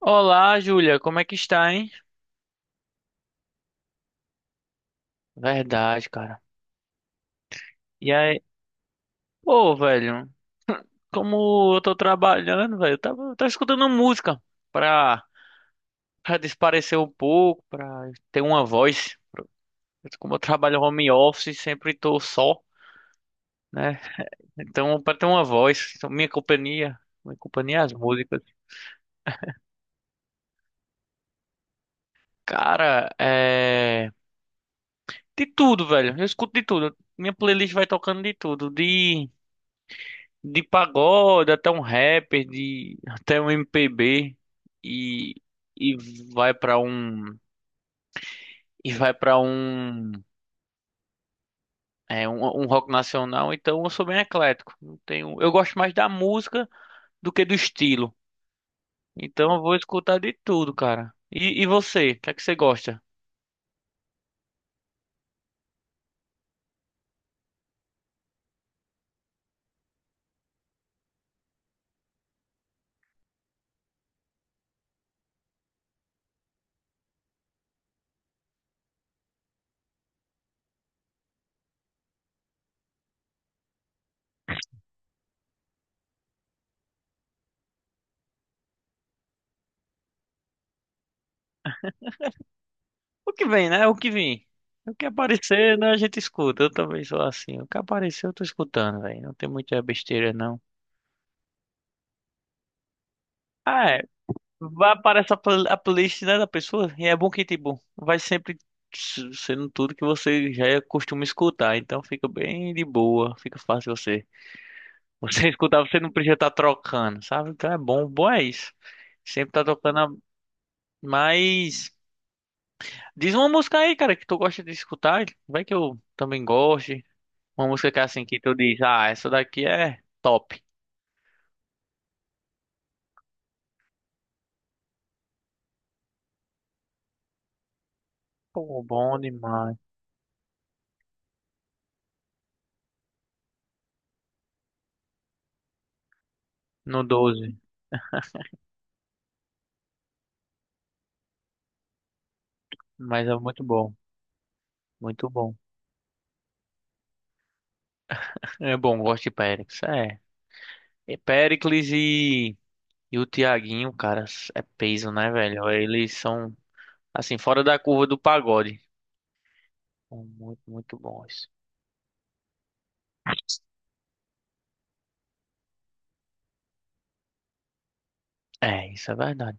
Olá, Júlia, como é que está, hein? Verdade, cara. E aí, pô, velho, como eu tô trabalhando, velho, eu tava escutando música pra, pra desaparecer um pouco, pra ter uma voz. Como eu trabalho home office, sempre tô só, né? Então, pra ter uma voz, então, minha companhia é as músicas. Cara, é. De tudo, velho, eu escuto de tudo. Minha playlist vai tocando de tudo, de pagode até um rapper, de até um MPB e e vai pra um vai para um é um rock nacional, então eu sou bem eclético. Não tenho, eu gosto mais da música do que do estilo. Então eu vou escutar de tudo, cara. E você, o que é que você gosta? O que vem, né? O que vem. O que aparecer, né, a gente escuta. Eu também sou assim. O que aparecer, eu tô escutando, velho. Não tem muita besteira, não. Ah, vai aparecer a playlist, né, da pessoa. E é bom que, tipo, vai sempre sendo tudo que você já costuma escutar. Então fica bem de boa. Fica fácil você. Você escutar, você não precisa estar trocando, sabe? Então é bom. Bom é isso. Sempre tá tocando a. Mas. Diz uma música aí, cara, que tu gosta de escutar. Vai que eu também goste. Uma música que é assim, que tu diz, ah, essa daqui é top. Pô, bom demais. No 12. Mas é muito bom. Muito bom. É bom, gosto de Périx. É. E Péricles e o Tiaguinho, cara, é peso, né, velho? Eles são, assim, fora da curva do pagode. São muito, muito bons. É, isso é verdade.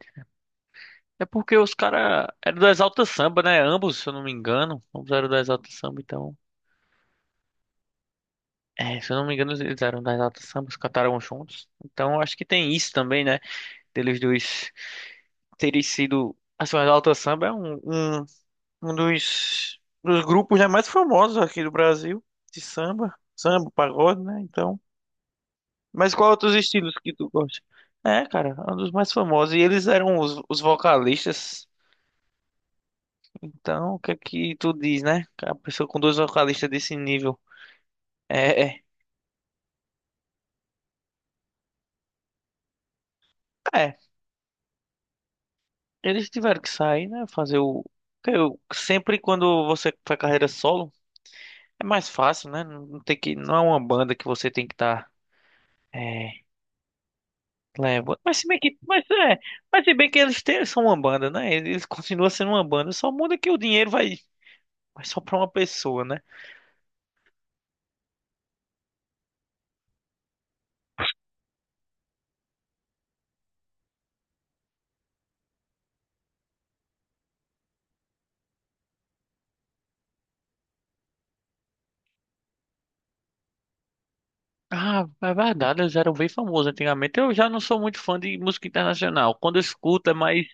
É porque os caras eram do Exalta Samba, né? Ambos, se eu não me engano. Ambos eram do Exalta Samba, então. É, se eu não me engano, eles eram do Exalta Samba, eles cantaram juntos. Então, eu acho que tem isso também, né? Deles dois terem sido. Assim, o Exalta Samba é um dos grupos, né, mais famosos aqui do Brasil, de samba, pagode, né? Então, mas qual outros estilos que tu gosta? É, cara, é um dos mais famosos e eles eram os vocalistas. Então, o que é que tu diz, né? A pessoa com dois vocalistas desse nível. É, é, é. Eles tiveram que sair, né? Fazer o que eu sempre quando você faz carreira solo, é mais fácil, né? Não tem que não é uma banda que você tem que estar leva. Mas se bem que eles têm, são uma banda, né? Eles continuam sendo uma banda, só muda que o dinheiro vai só pra uma pessoa, né? Ah, é verdade, eles eram bem famosos antigamente. Eu já não sou muito fã de música internacional. Quando eu escuto é mais,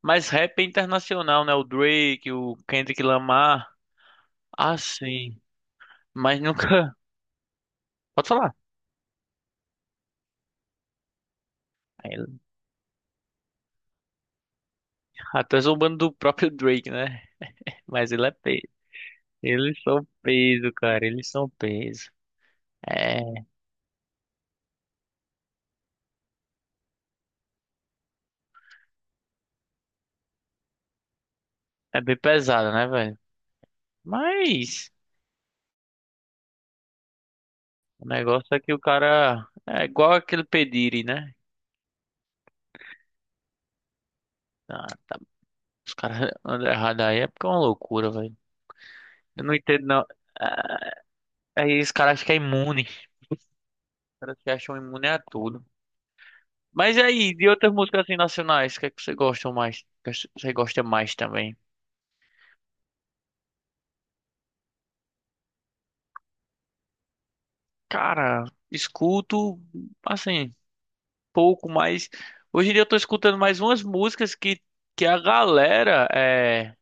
mais rap internacional, né? O Drake, o Kendrick Lamar. Ah, sim. Mas nunca. Pode falar. Aí, até zombando do próprio Drake, né? Mas ele é peso. Eles são peso, cara. Eles são peso. É, é bem pesado, né, velho? Mas o negócio é que o cara é igual aquele Pediri, né? Ah, tá, os caras andam errado aí é porque é uma loucura, velho. Eu não entendo, não. É, aí os caras ficam imune. Os caras se acham imune a tudo. Mas e aí, de outras músicas assim nacionais, o que é que você gosta mais? O que você gosta mais também? Cara, escuto assim, pouco mais. Hoje em dia eu tô escutando mais umas músicas que a galera é.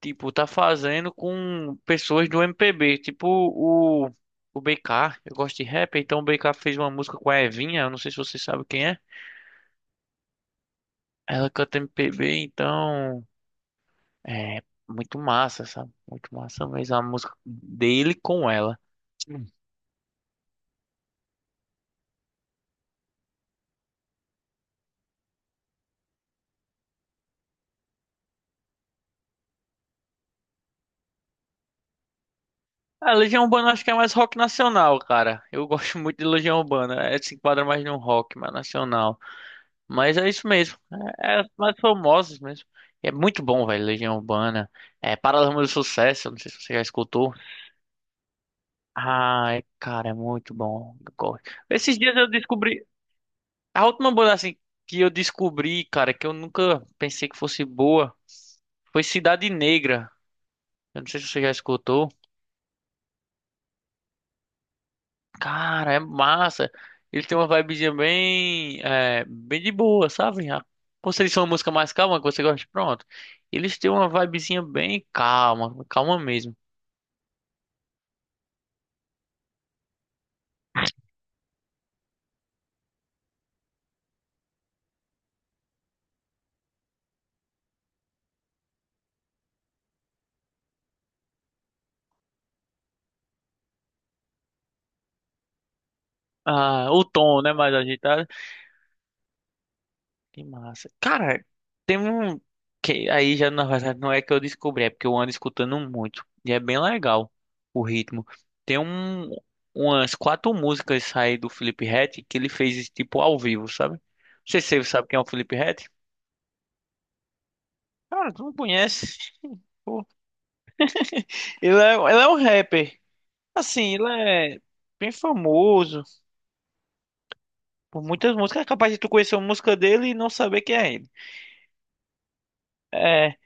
Tipo, tá fazendo com pessoas do MPB. Tipo, o BK. Eu gosto de rap, então o BK fez uma música com a Evinha. Eu não sei se você sabe quem é. Ela canta MPB, então. É muito massa, sabe? Muito massa mesmo a música dele com ela. Hum. A Legião Urbana acho que é mais rock nacional, cara. Eu gosto muito de Legião Urbana. É, se enquadra mais no rock, mas nacional. Mas é isso mesmo. É, é os mais famosos mesmo. E é muito bom, velho. Legião Urbana. É Paralamas do Sucesso. Não sei se você já escutou. Ai, cara, é muito bom. Eu gosto. Esses dias eu descobri. A última banda assim que eu descobri, cara, que eu nunca pensei que fosse boa, foi Cidade Negra. Eu não sei se você já escutou. Cara, é massa. Ele tem uma vibezinha bem, bem de boa, sabe? Como se eles uma música mais calma que você gosta, pronto. Eles têm uma vibezinha bem calma, calma mesmo. Ah, o tom, né, mais agitado. Que massa. Cara, tem um que aí já na verdade não é que eu descobri, é porque eu ando escutando muito e é bem legal o ritmo. Tem umas quatro músicas aí do Felipe Ret que ele fez tipo ao vivo, sabe? Não sei se você sabe quem é o Felipe Ret. Cara, tu não conhece? Pô, ele é um rapper. Assim, ele é bem famoso por muitas músicas. É capaz de tu conhecer uma música dele e não saber quem é ele. É.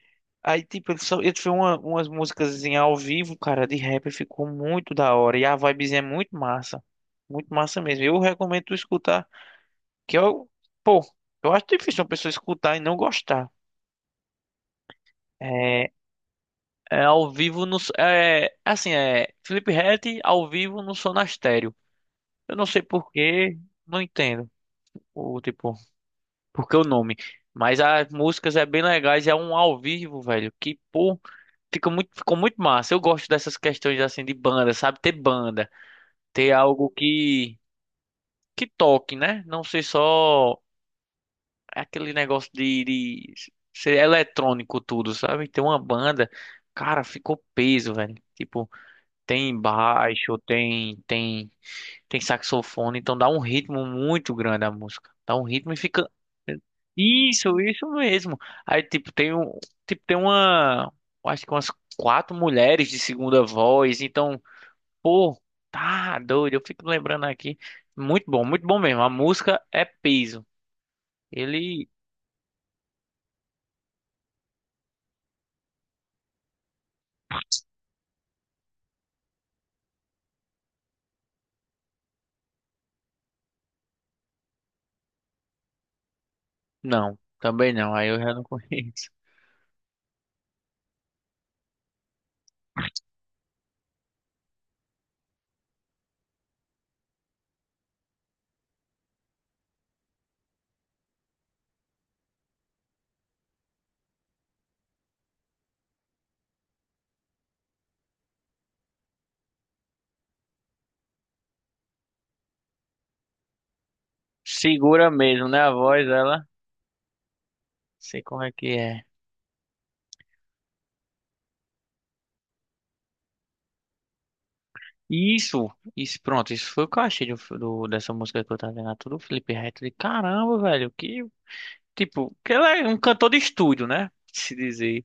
Aí, tipo, ele, só, ele fez umas músicas ao vivo, cara, de rap. Ficou muito da hora. E a vibezinha é muito massa. Muito massa mesmo. Eu recomendo tu escutar. Que eu, pô, eu acho difícil uma pessoa escutar e não gostar. É, é ao vivo no. É, assim, é Felipe Ret ao vivo no Sonastério. Eu não sei por quê, não entendo o tipo, por que o nome. Mas as músicas é bem legais, é um ao vivo, velho, que pô, ficou muito massa. Eu gosto dessas questões assim de banda, sabe? Ter banda, ter algo que toque, né? Não ser só aquele negócio de ser eletrônico tudo, sabe? Ter uma banda, cara, ficou peso, velho. Tipo, tem baixo, tem saxofone, então dá um ritmo muito grande a música. Dá um ritmo e fica isso, isso mesmo. Aí tipo tem uma, acho que umas quatro mulheres de segunda voz, então, pô, tá doido, eu fico lembrando aqui. Muito bom mesmo. A música é peso. Ele não, também não. Aí eu já não conheço. Segura mesmo, né, a voz ela? Sei como é que é. Isso, isso, pronto, isso foi o que eu achei do dessa música que eu tava vendo, tudo Felipe Neto, de caramba, velho, que, tipo, que ele é um cantor de estúdio, né, se dizer,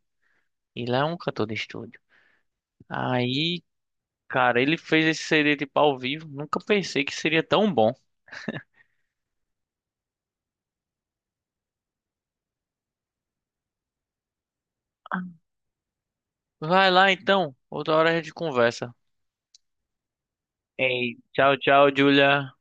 ele é um cantor de estúdio, aí, cara, ele fez esse CD, tipo, ao vivo, nunca pensei que seria tão bom, vai lá, então, outra hora a gente conversa, ei, tchau, tchau, Julia.